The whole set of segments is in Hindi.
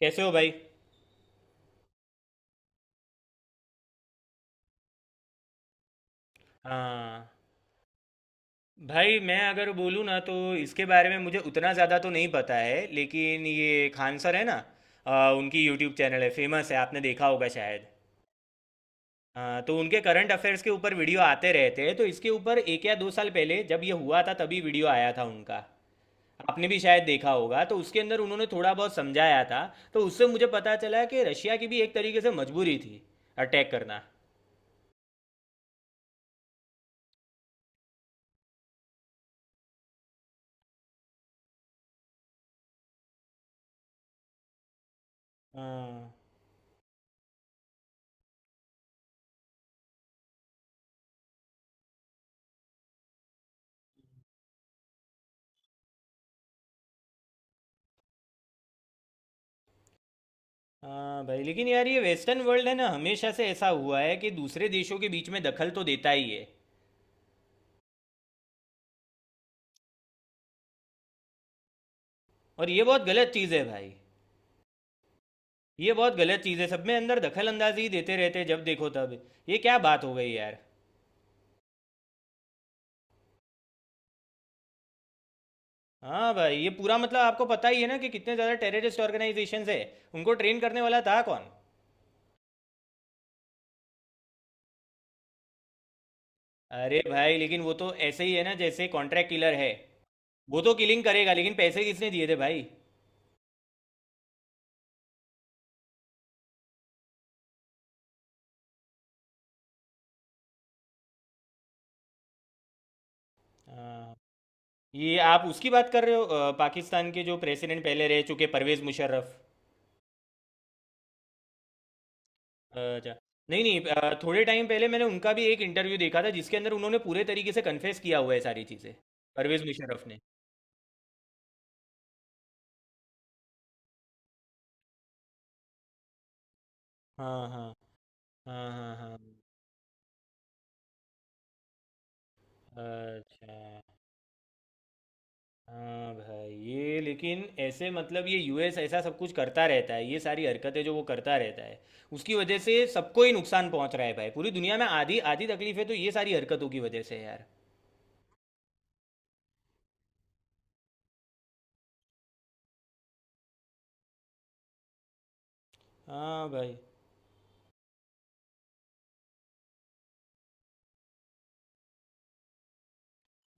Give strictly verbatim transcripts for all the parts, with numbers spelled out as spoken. कैसे हो भाई। हाँ भाई, मैं अगर बोलूँ ना तो इसके बारे में मुझे उतना ज़्यादा तो नहीं पता है, लेकिन ये खान सर है ना, आ, उनकी यूट्यूब चैनल है, फेमस है, आपने देखा होगा शायद। हाँ, तो उनके करंट अफेयर्स के ऊपर वीडियो आते रहते हैं, तो इसके ऊपर एक या दो साल पहले जब ये हुआ था तभी वीडियो आया था उनका। आपने भी शायद देखा होगा, तो उसके अंदर उन्होंने थोड़ा बहुत समझाया था। तो उससे मुझे पता चला कि रशिया की भी एक तरीके से मजबूरी थी अटैक करना। हाँ। हाँ भाई, लेकिन यार ये वेस्टर्न वर्ल्ड है ना, हमेशा से ऐसा हुआ है कि दूसरे देशों के बीच में दखल तो देता ही है। और ये बहुत गलत चीज़ है भाई। ये बहुत गलत चीज़ है, सब में अंदर दखल अंदाजी ही देते रहते हैं, जब देखो तब। ये क्या बात हो गई यार। हाँ भाई, ये पूरा मतलब आपको पता ही है ना कि कितने ज़्यादा टेररिस्ट ऑर्गेनाइजेशन है। उनको ट्रेन करने वाला था कौन? अरे भाई, लेकिन वो तो ऐसे ही है ना, जैसे कॉन्ट्रैक्ट किलर है। वो तो किलिंग करेगा, लेकिन पैसे किसने दिए थे भाई? हाँ, ये आप उसकी बात कर रहे हो अ, पाकिस्तान के जो प्रेसिडेंट पहले रह चुके, परवेज़ मुशर्रफ। अच्छा। नहीं नहीं, अ, थोड़े टाइम पहले मैंने उनका भी एक इंटरव्यू देखा था, जिसके अंदर उन्होंने पूरे तरीके से कन्फेस किया हुआ है सारी चीज़ें। परवेज़ मुशर्रफ ने। हाँ हाँ। हाँ हाँ। हाँ। अच्छा। हाँ भाई, ये लेकिन ऐसे मतलब ये यू एस ऐसा सब कुछ करता रहता है, ये सारी हरकतें जो वो करता रहता है, उसकी वजह से सबको ही नुकसान पहुंच रहा है भाई। पूरी दुनिया में आधी आधी तकलीफें तो ये सारी हरकतों की वजह से है यार। हाँ भाई।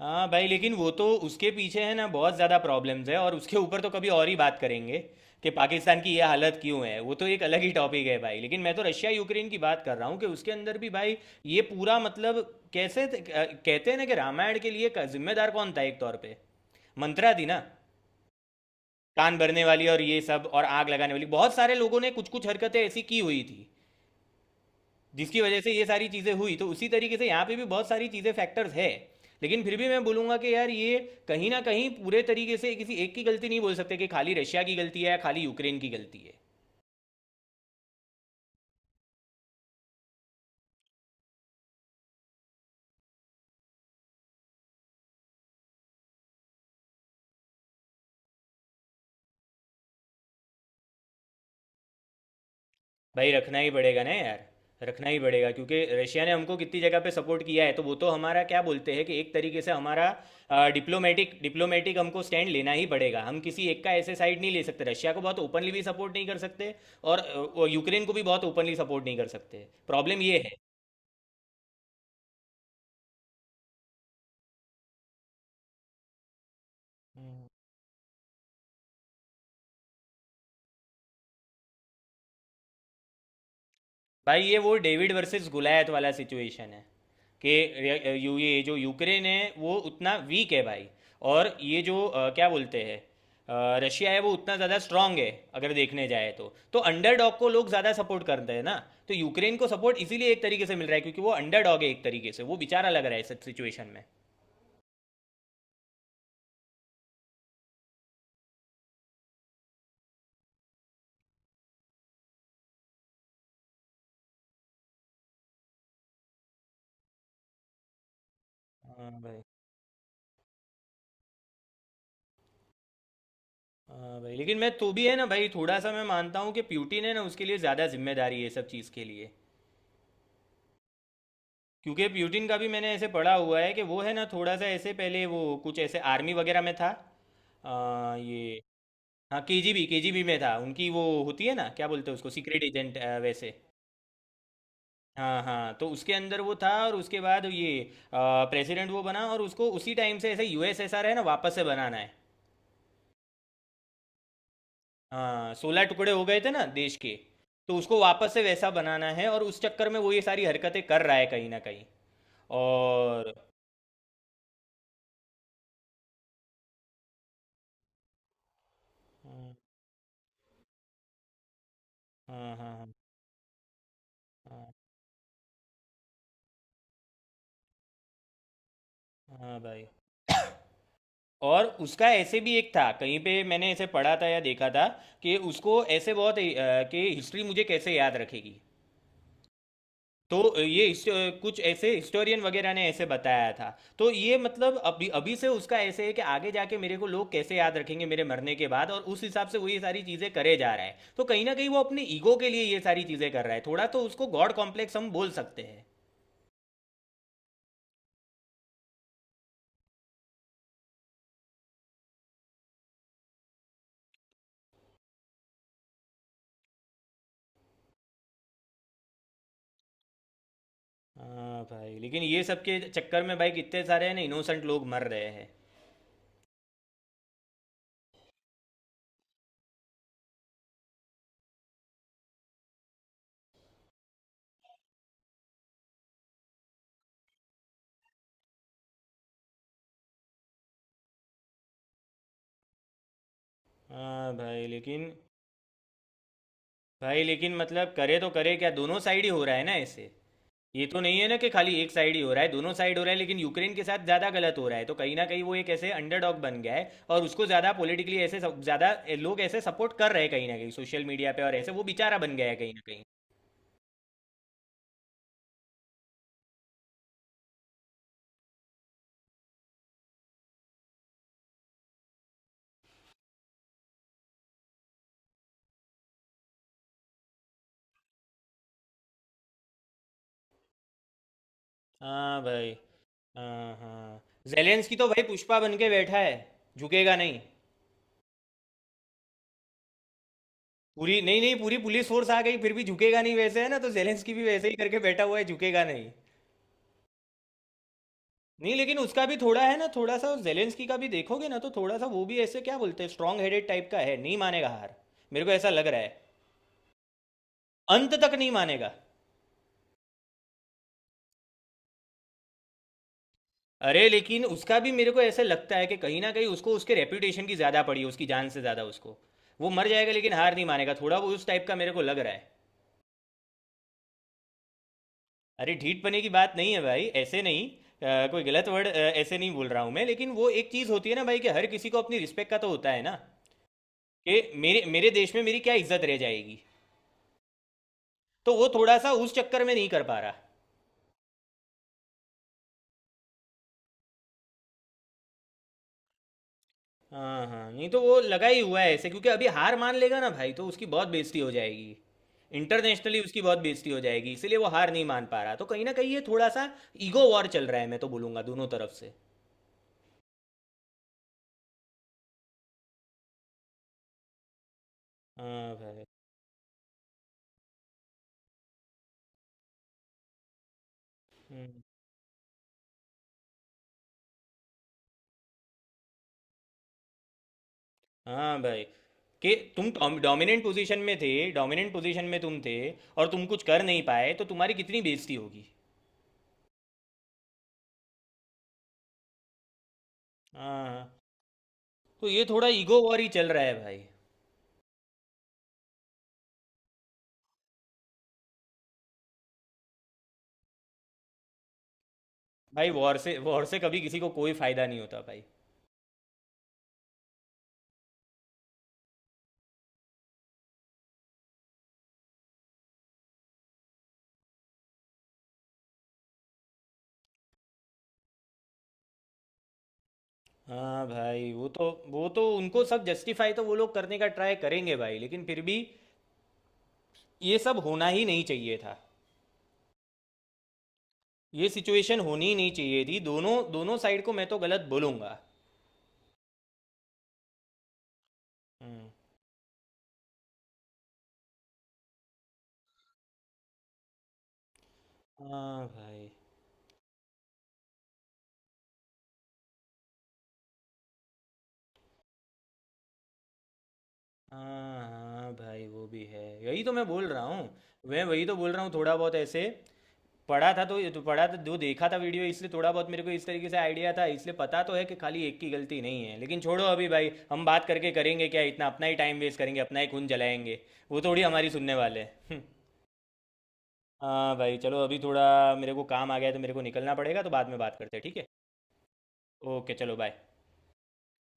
हाँ भाई, लेकिन वो तो उसके पीछे है ना बहुत ज़्यादा प्रॉब्लम्स है, और उसके ऊपर तो कभी और ही बात करेंगे कि पाकिस्तान की ये हालत क्यों है, वो तो एक अलग ही टॉपिक है भाई। लेकिन मैं तो रशिया यूक्रेन की बात कर रहा हूँ कि उसके अंदर भी भाई ये पूरा मतलब, कैसे कहते हैं ना कि रामायण के लिए क- जिम्मेदार कौन था एक तौर पे? मंत्रा थी ना, कान भरने वाली और ये सब, और आग लगाने वाली, बहुत सारे लोगों ने कुछ कुछ हरकतें ऐसी की हुई थी जिसकी वजह से ये सारी चीज़ें हुई। तो उसी तरीके से यहाँ पे भी बहुत सारी चीज़ें फैक्टर्स है, लेकिन फिर भी मैं बोलूंगा कि यार ये कहीं ना कहीं पूरे तरीके से किसी एक की गलती नहीं बोल सकते, कि खाली रशिया की गलती है या खाली यूक्रेन की गलती है। भाई रखना ही पड़ेगा ना यार, रखना ही पड़ेगा, क्योंकि रशिया ने हमको कितनी जगह पे सपोर्ट किया है, तो वो तो हमारा क्या बोलते हैं कि एक तरीके से हमारा डिप्लोमेटिक डिप्लोमेटिक हमको स्टैंड लेना ही पड़ेगा। हम किसी एक का ऐसे साइड नहीं ले सकते। रशिया को बहुत ओपनली भी सपोर्ट नहीं कर सकते, और अ, वो यूक्रेन को भी बहुत ओपनली सपोर्ट नहीं कर सकते। प्रॉब्लम ये है भाई, ये वो डेविड वर्सेस गुलायत वाला सिचुएशन है, कि रे- यू ये जो यूक्रेन है वो उतना वीक है भाई, और ये जो अ, क्या बोलते हैं, अ, रशिया है वो उतना ज़्यादा स्ट्रांग है। अगर देखने जाए तो तो अंडरडॉग को लोग ज़्यादा सपोर्ट करते हैं ना, तो यूक्रेन को सपोर्ट इसीलिए एक तरीके से मिल रहा है क्योंकि वो अंडरडॉग है, एक तरीके से वो बेचारा लग रहा है इस सिचुएशन में। हाँ भाई। हाँ भाई, लेकिन मैं तो भी है ना भाई, थोड़ा सा मैं मानता हूँ कि प्यूटिन है ना, उसके लिए ज़्यादा जिम्मेदारी है सब चीज़ के लिए। क्योंकि प्यूटिन का भी मैंने ऐसे पढ़ा हुआ है कि वो है ना, थोड़ा सा ऐसे पहले वो कुछ ऐसे आर्मी वगैरह में था। अ, ये हाँ, केजीबी केजीबी में था। उनकी वो होती है ना, क्या बोलते हैं उसको, सीक्रेट एजेंट वैसे। हाँ हाँ, तो उसके अंदर वो था और उसके बाद ये प्रेसिडेंट वो बना, और उसको उसी टाइम से ऐसे यू एस एस आर है ना वापस से बनाना है। हाँ, सोलह टुकड़े हो गए थे ना देश के। तो उसको वापस से वैसा बनाना है और उस चक्कर में वो ये सारी हरकतें कर रहा है कहीं ना कहीं। और हाँ। हाँ। हाँ। हाँ। हाँ। हाँ, भाई। और उसका ऐसे भी एक था, कहीं पे मैंने ऐसे पढ़ा था या देखा था कि उसको ऐसे बहुत अ, कि हिस्ट्री मुझे कैसे याद रखेगी, तो अ, ये हिस्ट- अ, कुछ ऐसे हिस्टोरियन वगैरह ने ऐसे बताया था, तो ये मतलब अभी अभी से उसका ऐसे है कि आगे जाके मेरे को लोग कैसे याद रखेंगे मेरे मरने के बाद, और उस हिसाब से वो ये सारी चीज़ें करे जा रहा है। तो कहीं ना कहीं वो अपने ईगो के लिए ये सारी चीज़ें कर रहा है, थोड़ा तो उसको गॉड कॉम्प्लेक्स हम बोल सकते हैं। हाँ भाई, लेकिन ये सब के चक्कर में भाई कितने सारे है ना इनोसेंट लोग मर रहे हैं। हाँ भाई लेकिन भाई लेकिन मतलब करे तो करे क्या, दोनों साइड ही हो रहा है ना ऐसे। ये तो नहीं है ना कि खाली एक साइड ही हो रहा है, दोनों साइड हो रहा है, लेकिन यूक्रेन के साथ ज़्यादा गलत हो रहा है, तो कहीं ना कहीं वो एक ऐसे अंडरडॉग बन गया है और उसको ज़्यादा पॉलिटिकली ऐसे सब- ज़्यादा लोग ऐसे सपोर्ट कर रहे हैं कहीं ना कहीं सोशल मीडिया पे, और ऐसे वो बेचारा बन गया है कहीं ना कहीं। हाँ भाई। हाँ हाँ। जेलेंस्की तो भाई पुष्पा बन के बैठा है, झुकेगा नहीं। पूरी, नहीं नहीं, पूरी पुलिस फोर्स आ गई फिर भी झुकेगा नहीं वैसे है ना, तो जेलेंस्की भी वैसे ही करके बैठा हुआ है, झुकेगा नहीं। नहीं, लेकिन उसका भी थोड़ा है ना, थोड़ा सा जेलेंस्की का भी देखोगे ना तो थोड़ा सा वो भी ऐसे क्या बोलते हैं स्ट्रांग हेडेड टाइप का है, नहीं मानेगा हार। मेरे को ऐसा लग रहा है, अंत तक नहीं मानेगा। अरे, लेकिन उसका भी मेरे को ऐसे लगता है कि कहीं ना कहीं उसको उसके रेपुटेशन की ज़्यादा पड़ी है, उसकी जान से ज़्यादा उसको। वो मर जाएगा लेकिन हार नहीं मानेगा, थोड़ा वो उस टाइप का मेरे को लग रहा है। अरे ढीठ पने की बात नहीं है भाई, ऐसे नहीं, अ, कोई गलत वर्ड ऐसे नहीं बोल रहा हूँ मैं, लेकिन वो एक चीज़ होती है ना भाई, कि हर किसी को अपनी रिस्पेक्ट का तो होता है ना, कि मेरे मेरे देश में मेरी क्या इज्जत रह जाएगी, तो वो थोड़ा सा उस चक्कर में नहीं कर पा रहा। हाँ हाँ, नहीं तो वो लगा ही हुआ है ऐसे, क्योंकि अभी हार मान लेगा ना भाई तो उसकी बहुत बेइज्जती हो जाएगी। इंटरनेशनली उसकी बहुत बेइज्जती हो जाएगी, इसीलिए वो हार नहीं मान पा रहा, तो कहीं ना कहीं ये थोड़ा सा ईगो वॉर चल रहा है, मैं तो बोलूँगा दोनों तरफ से। हाँ भाई। हम्म। हाँ भाई, कि तुम डोमिनेंट पोजीशन में थे, डोमिनेंट पोजीशन में तुम थे, और तुम कुछ कर नहीं पाए, तो तुम्हारी कितनी बेइज्जती होगी। हाँ हाँ, तो ये थोड़ा ईगो वॉर ही चल रहा है भाई। भाई वॉर से वॉर से कभी किसी को कोई फायदा नहीं होता भाई। हाँ भाई, वो तो वो तो उनको सब जस्टिफाई तो वो लोग करने का ट्राई करेंगे भाई, लेकिन फिर भी ये सब होना ही नहीं चाहिए था। ये सिचुएशन होनी ही नहीं चाहिए थी, दोनों दोनों साइड को मैं तो गलत बोलूँगा। हम्म। हाँ भाई। हाँ। हाँ भाई, वो भी है, यही तो मैं बोल रहा हूँ। मैं वही तो बोल रहा हूँ, थोड़ा बहुत ऐसे पढ़ा था तो तो पढ़ा था, जो देखा था वीडियो, इसलिए थोड़ा बहुत मेरे को इस तरीके से आइडिया था, इसलिए पता तो है कि खाली एक की गलती नहीं है। लेकिन छोड़ो अभी भाई, हम बात करके करेंगे क्या, इतना अपना ही टाइम वेस्ट करेंगे, अपना ही खून जलाएंगे। वो थोड़ी हमारी सुनने वाले हैं। हाँ भाई चलो, अभी थोड़ा मेरे को काम आ गया है, तो मेरे को निकलना पड़ेगा, तो बाद में बात करते हैं, ठीक है। ओके, चलो बाय।